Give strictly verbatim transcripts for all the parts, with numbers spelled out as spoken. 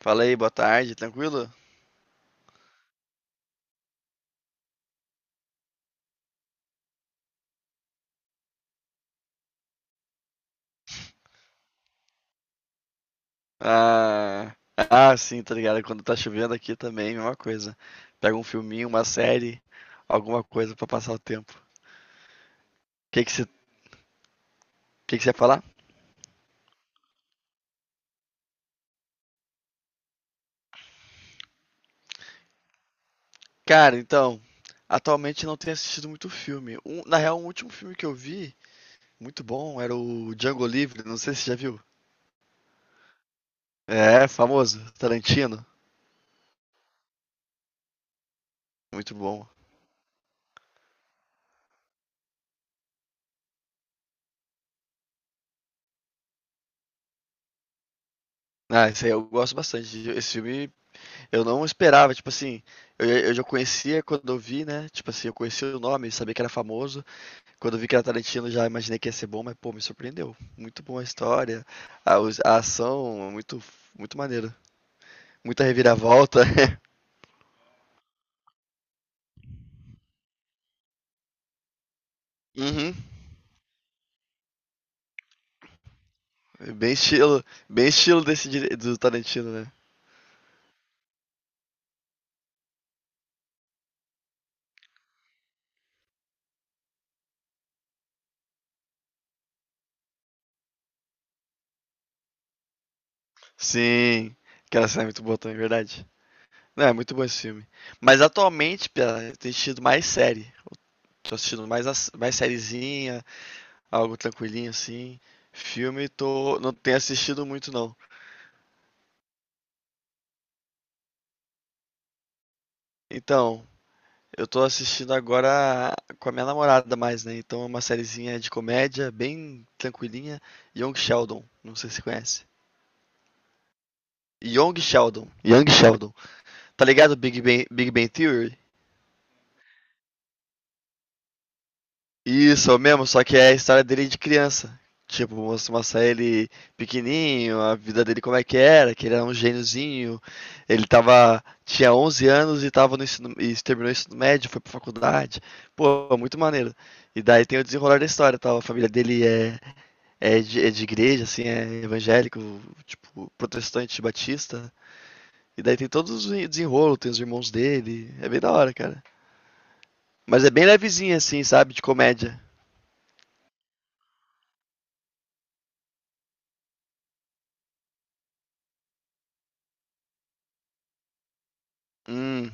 Fala aí, boa tarde, tranquilo? Ah, ah, sim, tá ligado? Quando tá chovendo aqui também, mesma coisa. Pega um filminho, uma série, alguma coisa pra passar o tempo. O que que você, que que você ia falar? Cara, então, atualmente não tenho assistido muito filme. Um- na real, o último filme que eu vi, muito bom, era o Django Livre, não sei se você já viu. É, famoso, Tarantino, muito bom. Ah, esse aí eu gosto bastante. Esse filme, eu não esperava, tipo assim, eu, eu já conhecia quando eu vi, né? Tipo assim, eu conhecia o nome, sabia que era famoso. Quando eu vi que era Tarantino, já imaginei que ia ser bom, mas pô, me surpreendeu. Muito boa a história, a, os- a ação, muito, muito maneiro. Muita reviravolta. Uhum. Bem estilo, bem estilo desse dire- do Tarantino, né? Sim, aquela cena é muito boa também, é verdade. Não, é muito bom esse filme. Mas atualmente, Pia, eu tenho assistido mais série. Tô assistindo mais, as- mais sériezinha, algo tranquilinho assim. Filme, tô, não tenho assistido muito não. Então, eu tô assistindo agora com a minha namorada mais, né? Então é uma sériezinha de comédia, bem tranquilinha. Young Sheldon, não sei se você conhece. Young Sheldon, Young Sheldon. Tá ligado Big Bang, Big Bang Theory? Isso, é o mesmo, só que é a história dele de criança. Tipo, mostra mostra ele pequenininho, a vida dele como é que era, que ele era um gêniozinho. Ele tava, tinha onze anos e tava no ensino, e terminou o ensino médio, foi pra faculdade. Pô, é muito maneiro. E daí tem o desenrolar da história, tal. A família dele é, é, de, é de igreja, assim, é evangélico, tipo, protestante batista. E daí tem todos os desenrolos, tem os irmãos dele. É bem da hora, cara. Mas é bem levezinho, assim, sabe? De comédia. Hum,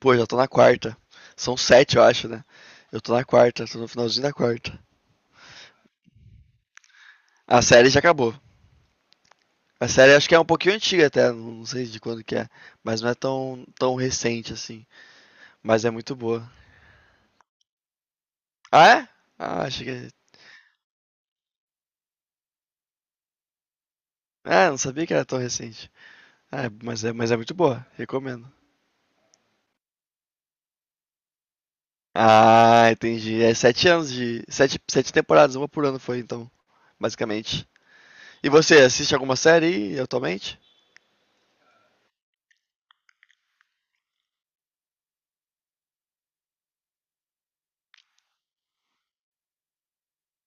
Pô, já tô na quarta. São sete, eu acho, né? Eu tô na quarta, tô no finalzinho da quarta. A série já acabou. A série acho que é um pouquinho antiga até, não sei de quando que é. Mas não é tão, tão recente assim. Mas é muito boa. Ah, é? Ah, achei que. É. Ah, não sabia que era tão recente. Ah, mas é, mas é muito boa, recomendo. Ah, entendi. É sete anos de. Sete, sete temporadas, uma por ano foi então, basicamente. E você assiste alguma série aí, atualmente?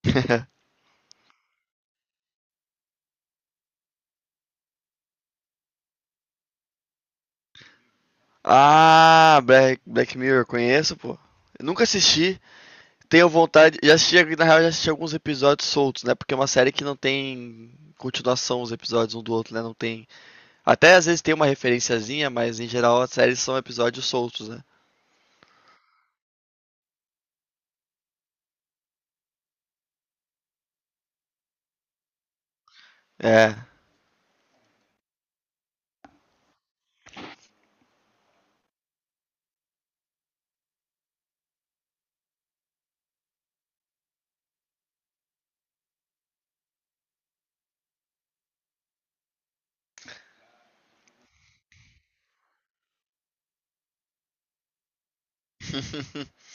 Ah, Black, Black Mirror, conheço, pô. Eu nunca assisti, tenho vontade. Já assisti, na real, já assisti alguns episódios soltos, né? Porque é uma série que não tem continuação os episódios um do outro, né? Não tem. Até às vezes tem uma referenciazinha, mas em geral as séries são episódios soltos, né? É.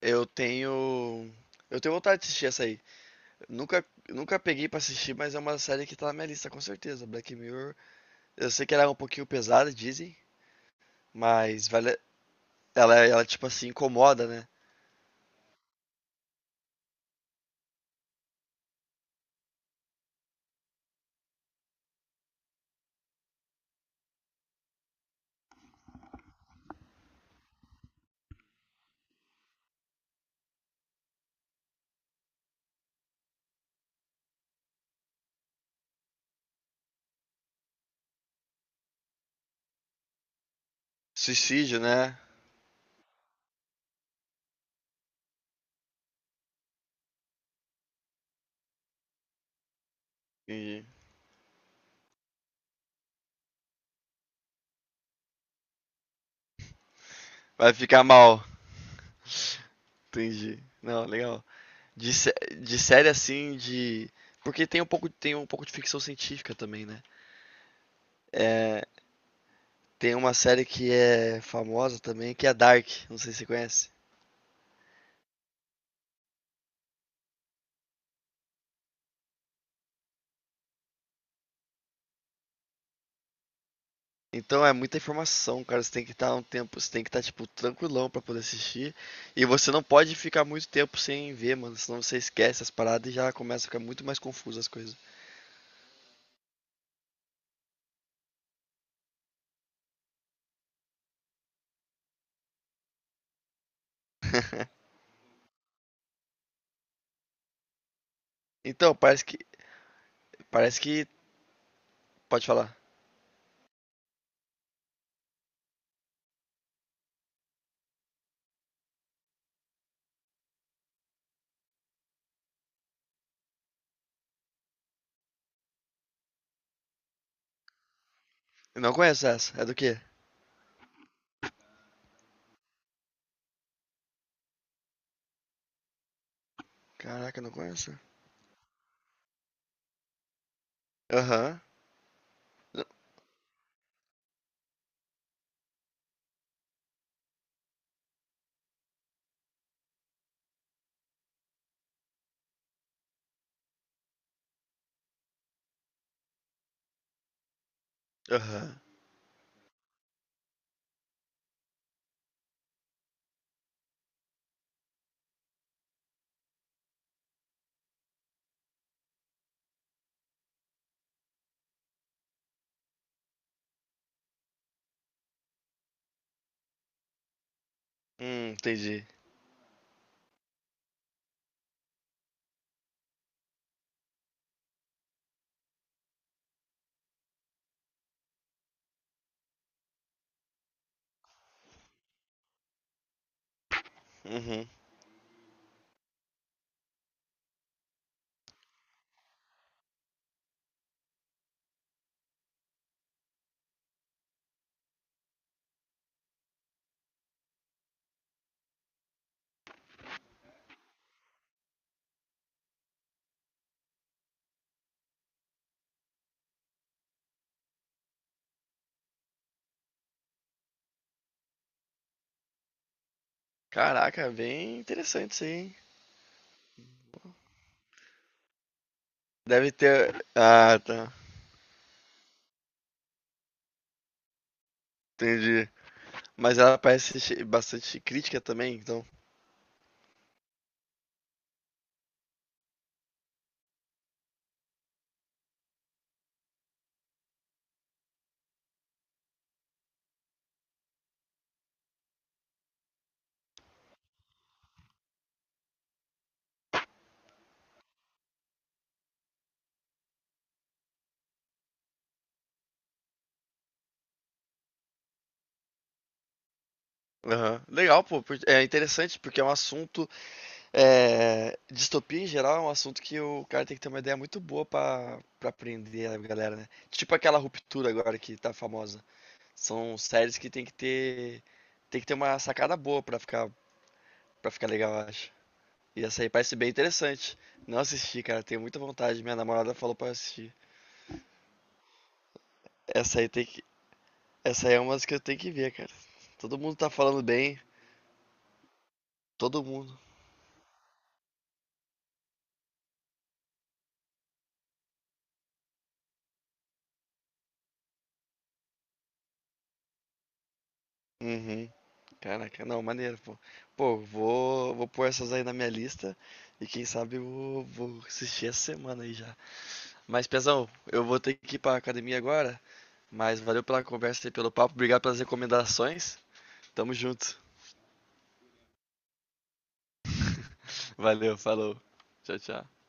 Eu tenho. Eu tenho vontade de assistir essa aí. Nunca, nunca peguei pra assistir, mas é uma série que tá na minha lista com certeza. Black Mirror. Eu sei que ela é um pouquinho pesada, dizem, mas vale... ela, ela, tipo assim, incomoda, né? Suicídio, né? Entendi. Vai ficar mal. Entendi. Não, legal. De, sé- de série assim, de. Porque tem um pouco, tem um pouco de ficção científica também, né? É, tem uma série que é famosa também, que é Dark. Não sei se você conhece. Então é muita informação, cara. Você tem que estar um tempo, você tem que estar, tipo, tranquilão pra poder assistir. E você não pode ficar muito tempo sem ver, mano. Senão você esquece as paradas e já começa a ficar muito mais confuso as coisas. Então, parece que. Parece que. Pode falar. Eu não conheço essa. É do quê? Caraca, eu não conheço. Aham. Aham. Hum, entendi. Uhum. Caraca, bem interessante isso aí, hein? Deve ter. Ah, tá. Entendi. Mas ela parece chi- bastante crítica também, então. Aham. Legal, pô. por- É interessante porque é um assunto. é, Distopia em geral é um assunto que o cara tem que ter uma ideia muito boa pra, pra aprender a galera, né? Tipo aquela ruptura agora que tá famosa. São séries que tem que ter tem que ter uma sacada boa pra ficar para ficar legal, eu acho. E essa aí parece bem interessante. Não assisti, cara, tenho muita vontade. Minha namorada falou pra eu assistir. Essa aí tem que essa aí é uma das que eu tenho que ver, cara. Todo mundo tá falando bem, todo mundo. Uhum. Caraca, não, maneiro, pô. Pô, vou, vou pôr essas aí na minha lista e quem sabe eu vou assistir essa semana aí já. Mas, Pezão, eu vou ter que ir pra academia agora, mas valeu pela conversa e pelo papo, obrigado pelas recomendações. Tamo junto. Valeu, falou. Tchau, tchau.